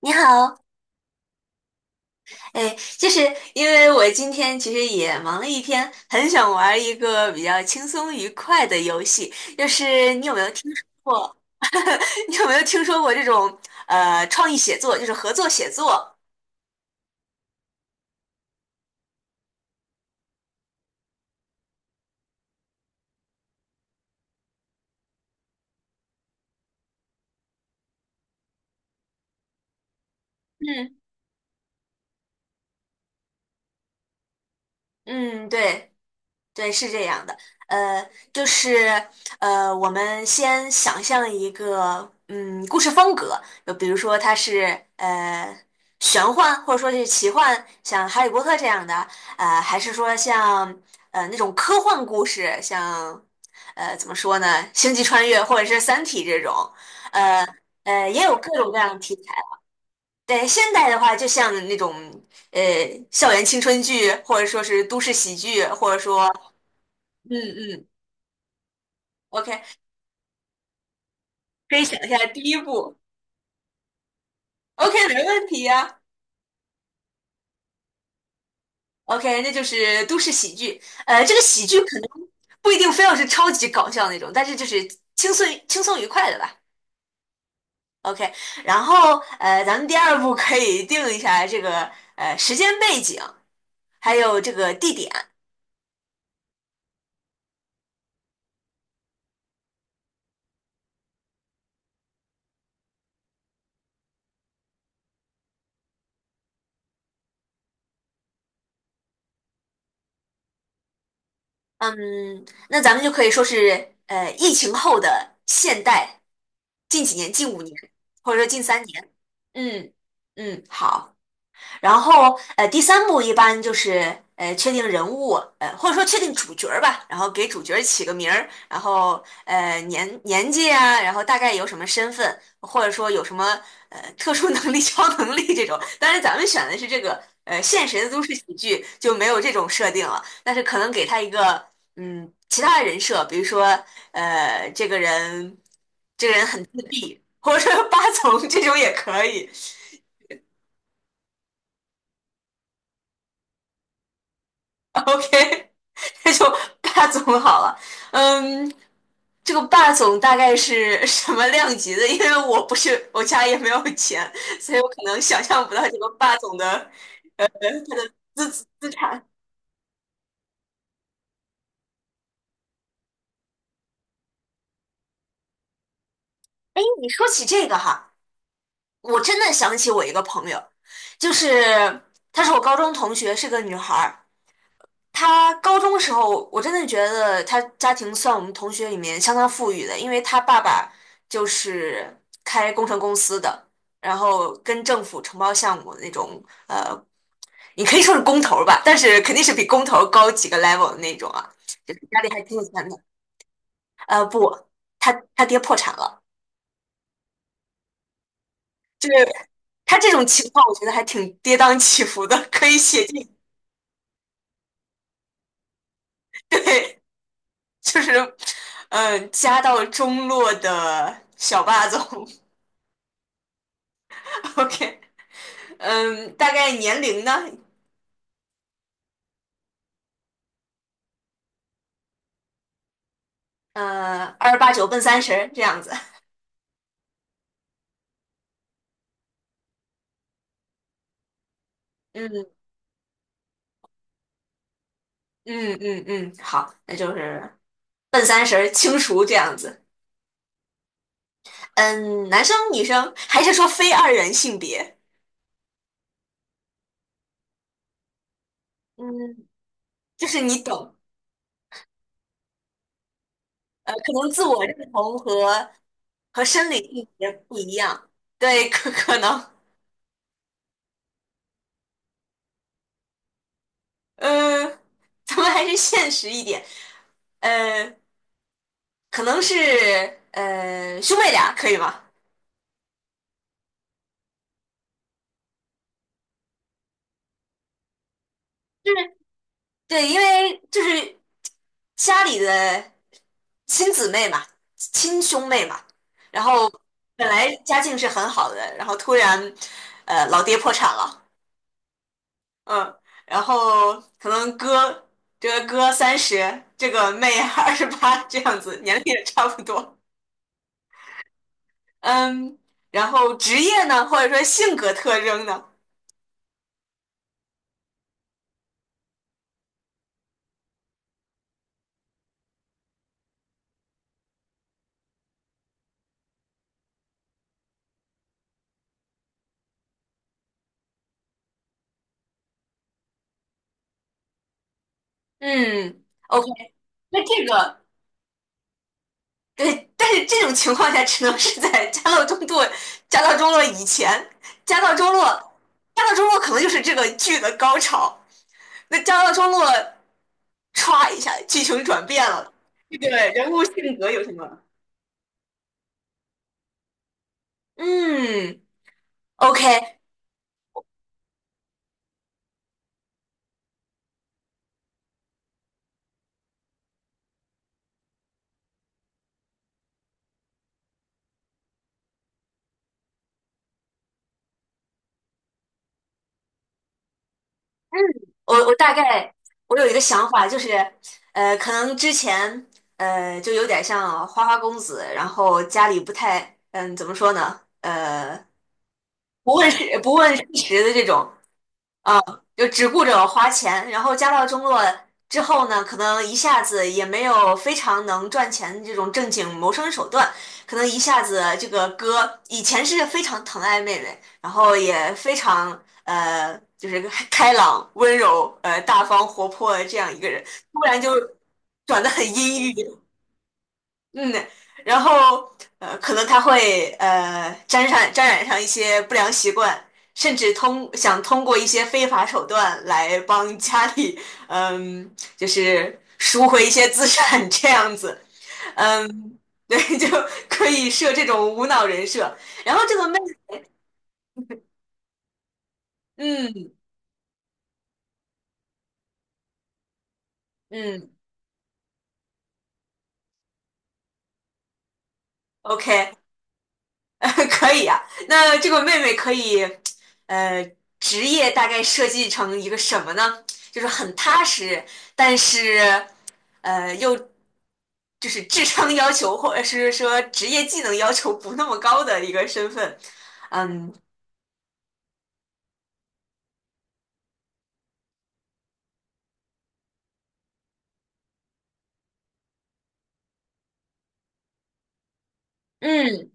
你好，哎，就是因为我今天其实也忙了一天，很想玩一个比较轻松愉快的游戏。就是你有没有听说过？你有没有听说过这种创意写作，就是合作写作？嗯嗯，对。对，是这样的，呃，就是我们先想象一个故事风格，就比如说它是玄幻，或者说是奇幻，像《哈利波特》这样的，还是说像那种科幻故事，像怎么说呢，《星际穿越》或者是《三体》这种，呃也有各种各样的题材。对，现代的话，就像那种呃校园青春剧，或者说是都市喜剧，或者说。嗯嗯 OK，可以想一下第一步。OK，没问题呀、OK，那就是都市喜剧。这个喜剧可能不一定非要是超级搞笑那种，但是就是轻松愉快的吧。OK，然后咱们第二步可以定一下这个时间背景，还有这个地点。嗯，那咱们就可以说是疫情后的现代，近几年，近5年，或者说近3年。嗯嗯，好。然后第三部一般就是确定人物，或者说确定主角儿吧，然后给主角儿起个名儿，然后年纪啊，然后大概有什么身份，或者说有什么特殊能力、超能力这种。当然咱们选的是这个现实的都市喜剧就没有这种设定了，但是可能给他一个其他的人设，比如说这个人很，或者说八层这种也可以。OK，那就霸总好了。嗯，这个霸总大概是什么量级的？因为我不是，我家也没有钱，所以我可能想象不到这个霸总的资产。哎，你说起这个哈，我真的想起我一个朋友，就是她是我高中同学，是个女孩儿。他高中时候，我真的觉得他家庭算我们同学里面相当富裕的，因为他爸爸就是开工程公司的，然后跟政府承包项目的那种，呃，你可以说是工头儿吧，但是肯定是比工头儿高几个 level 的那种啊，就是家里还挺有钱的。不，他爹破产了，就是他这种情况，我觉得还挺跌宕起伏的，可以写进，对，就是，家道中落的小霸总。OK，嗯，大概年龄呢？二八九奔三十这样子。嗯嗯嗯嗯，好，那就是奔三十儿清除这样子。嗯，男生女生还是说非二元性别？嗯，就是你懂，可能自我认同和生理性别不一样。对，可能，呃，咱们还是现实一点。呃，可能是兄妹俩可以吗？就是对，因为就是家里的亲姊妹嘛，亲兄妹嘛，然后本来家境是很好的，然后突然老爹破产了，嗯，然后可能这个哥三十，这个妹28这样子，年龄也差不多，嗯，然后职业呢，或者说性格特征呢，嗯，OK，那这个。对，但是这种情况下只能是在家道中落以前，家道中落，家道中落可能就是这个剧的高潮。那家道中落歘一下，剧情转变了，这个人物性格有什么？嗯，OK，我大概我有一个想法，就是可能之前就有点像花花公子，然后家里不太怎么说呢？不问世事的这种。啊，就只顾着花钱，然后家道中落之后呢，可能一下子也没有非常能赚钱的这种正经谋生手段，可能一下子这个哥以前是非常疼爱妹妹，然后也非常就是开朗、温柔、大方、活泼的这样一个人，突然就转得很阴郁，嗯，然后可能他会沾染上一些不良习惯，甚至通过一些非法手段来帮家里，嗯，就是赎回一些资产这样子，嗯，对，就可以设这种无脑人设。然后这个妹，嗯嗯，OK，可以啊。那这个妹妹可以，呃，职业大概设计成一个什么呢？就是很踏实，但是，又就是智商要求或者是说职业技能要求不那么高的一个身份。嗯嗯，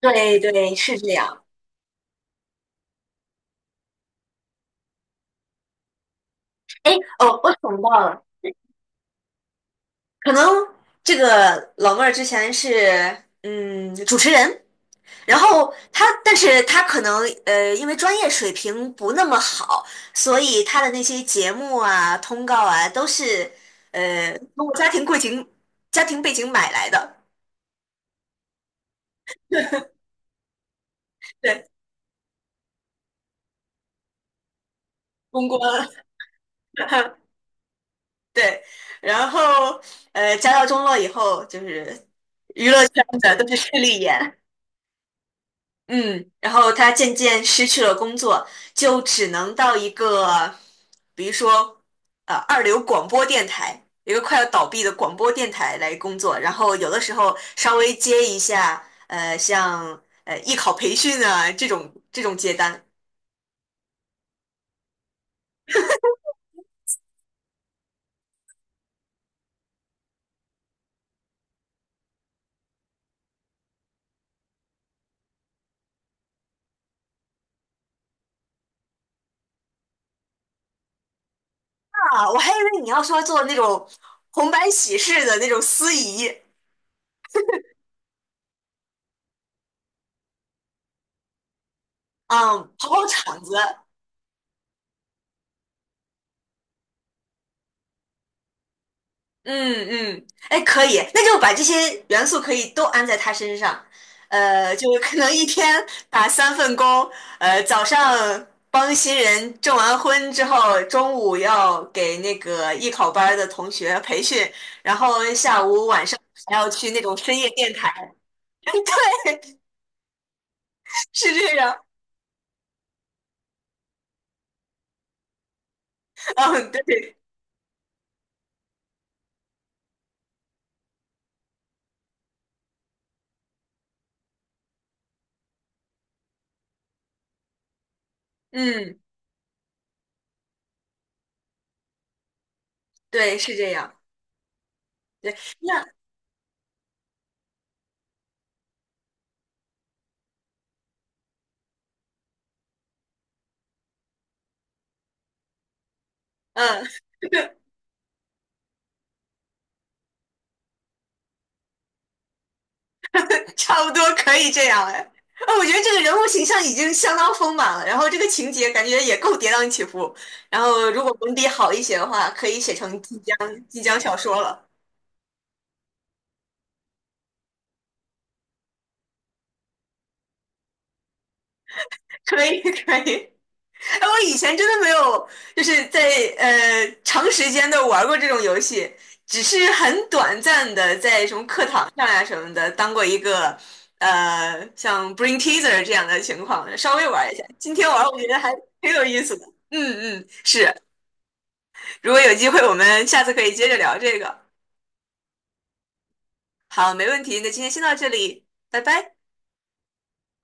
对对，是这样。哎，哦，我想到了，可能这个老妹儿之前是主持人。然后他，但是他可能因为专业水平不那么好，所以他的那些节目啊、通告啊，都是通过家庭背景买来的，对，公关，对。然后家道中落以后，就是娱乐圈的都是势利眼。嗯，然后他渐渐失去了工作，就只能到一个，比如说，二流广播电台，一个快要倒闭的广播电台来工作，然后有的时候稍微接一下，像艺考培训啊这种接单啊，我还以为你要说做那种红白喜事的那种司仪，嗯，跑跑场子，嗯嗯，哎，可以，那就把这些元素可以都安在他身上，就是可能一天打3份工，早上帮新人证完婚之后，中午要给那个艺考班儿的同学培训，然后下午晚上还要去那种深夜电台，对，是这样，嗯，对，嗯，对，是这样，对，那，嗯。差不多可以这样哎。哦我觉得这个人物形象已经相当丰满了，然后这个情节感觉也够跌宕起伏。然后如果文笔好一些的话，可以写成晋江小说了。可以可以。哎，我以前真的没有，就是在长时间的玩过这种游戏，只是很短暂的在什么课堂上呀、什么的当过一个像 BRING Teaser 这样的情况，稍微玩一下。今天玩我觉得还挺有意思的。嗯嗯，是。如果有机会，我们下次可以接着聊这个。好，没问题，那今天先到这里，拜拜。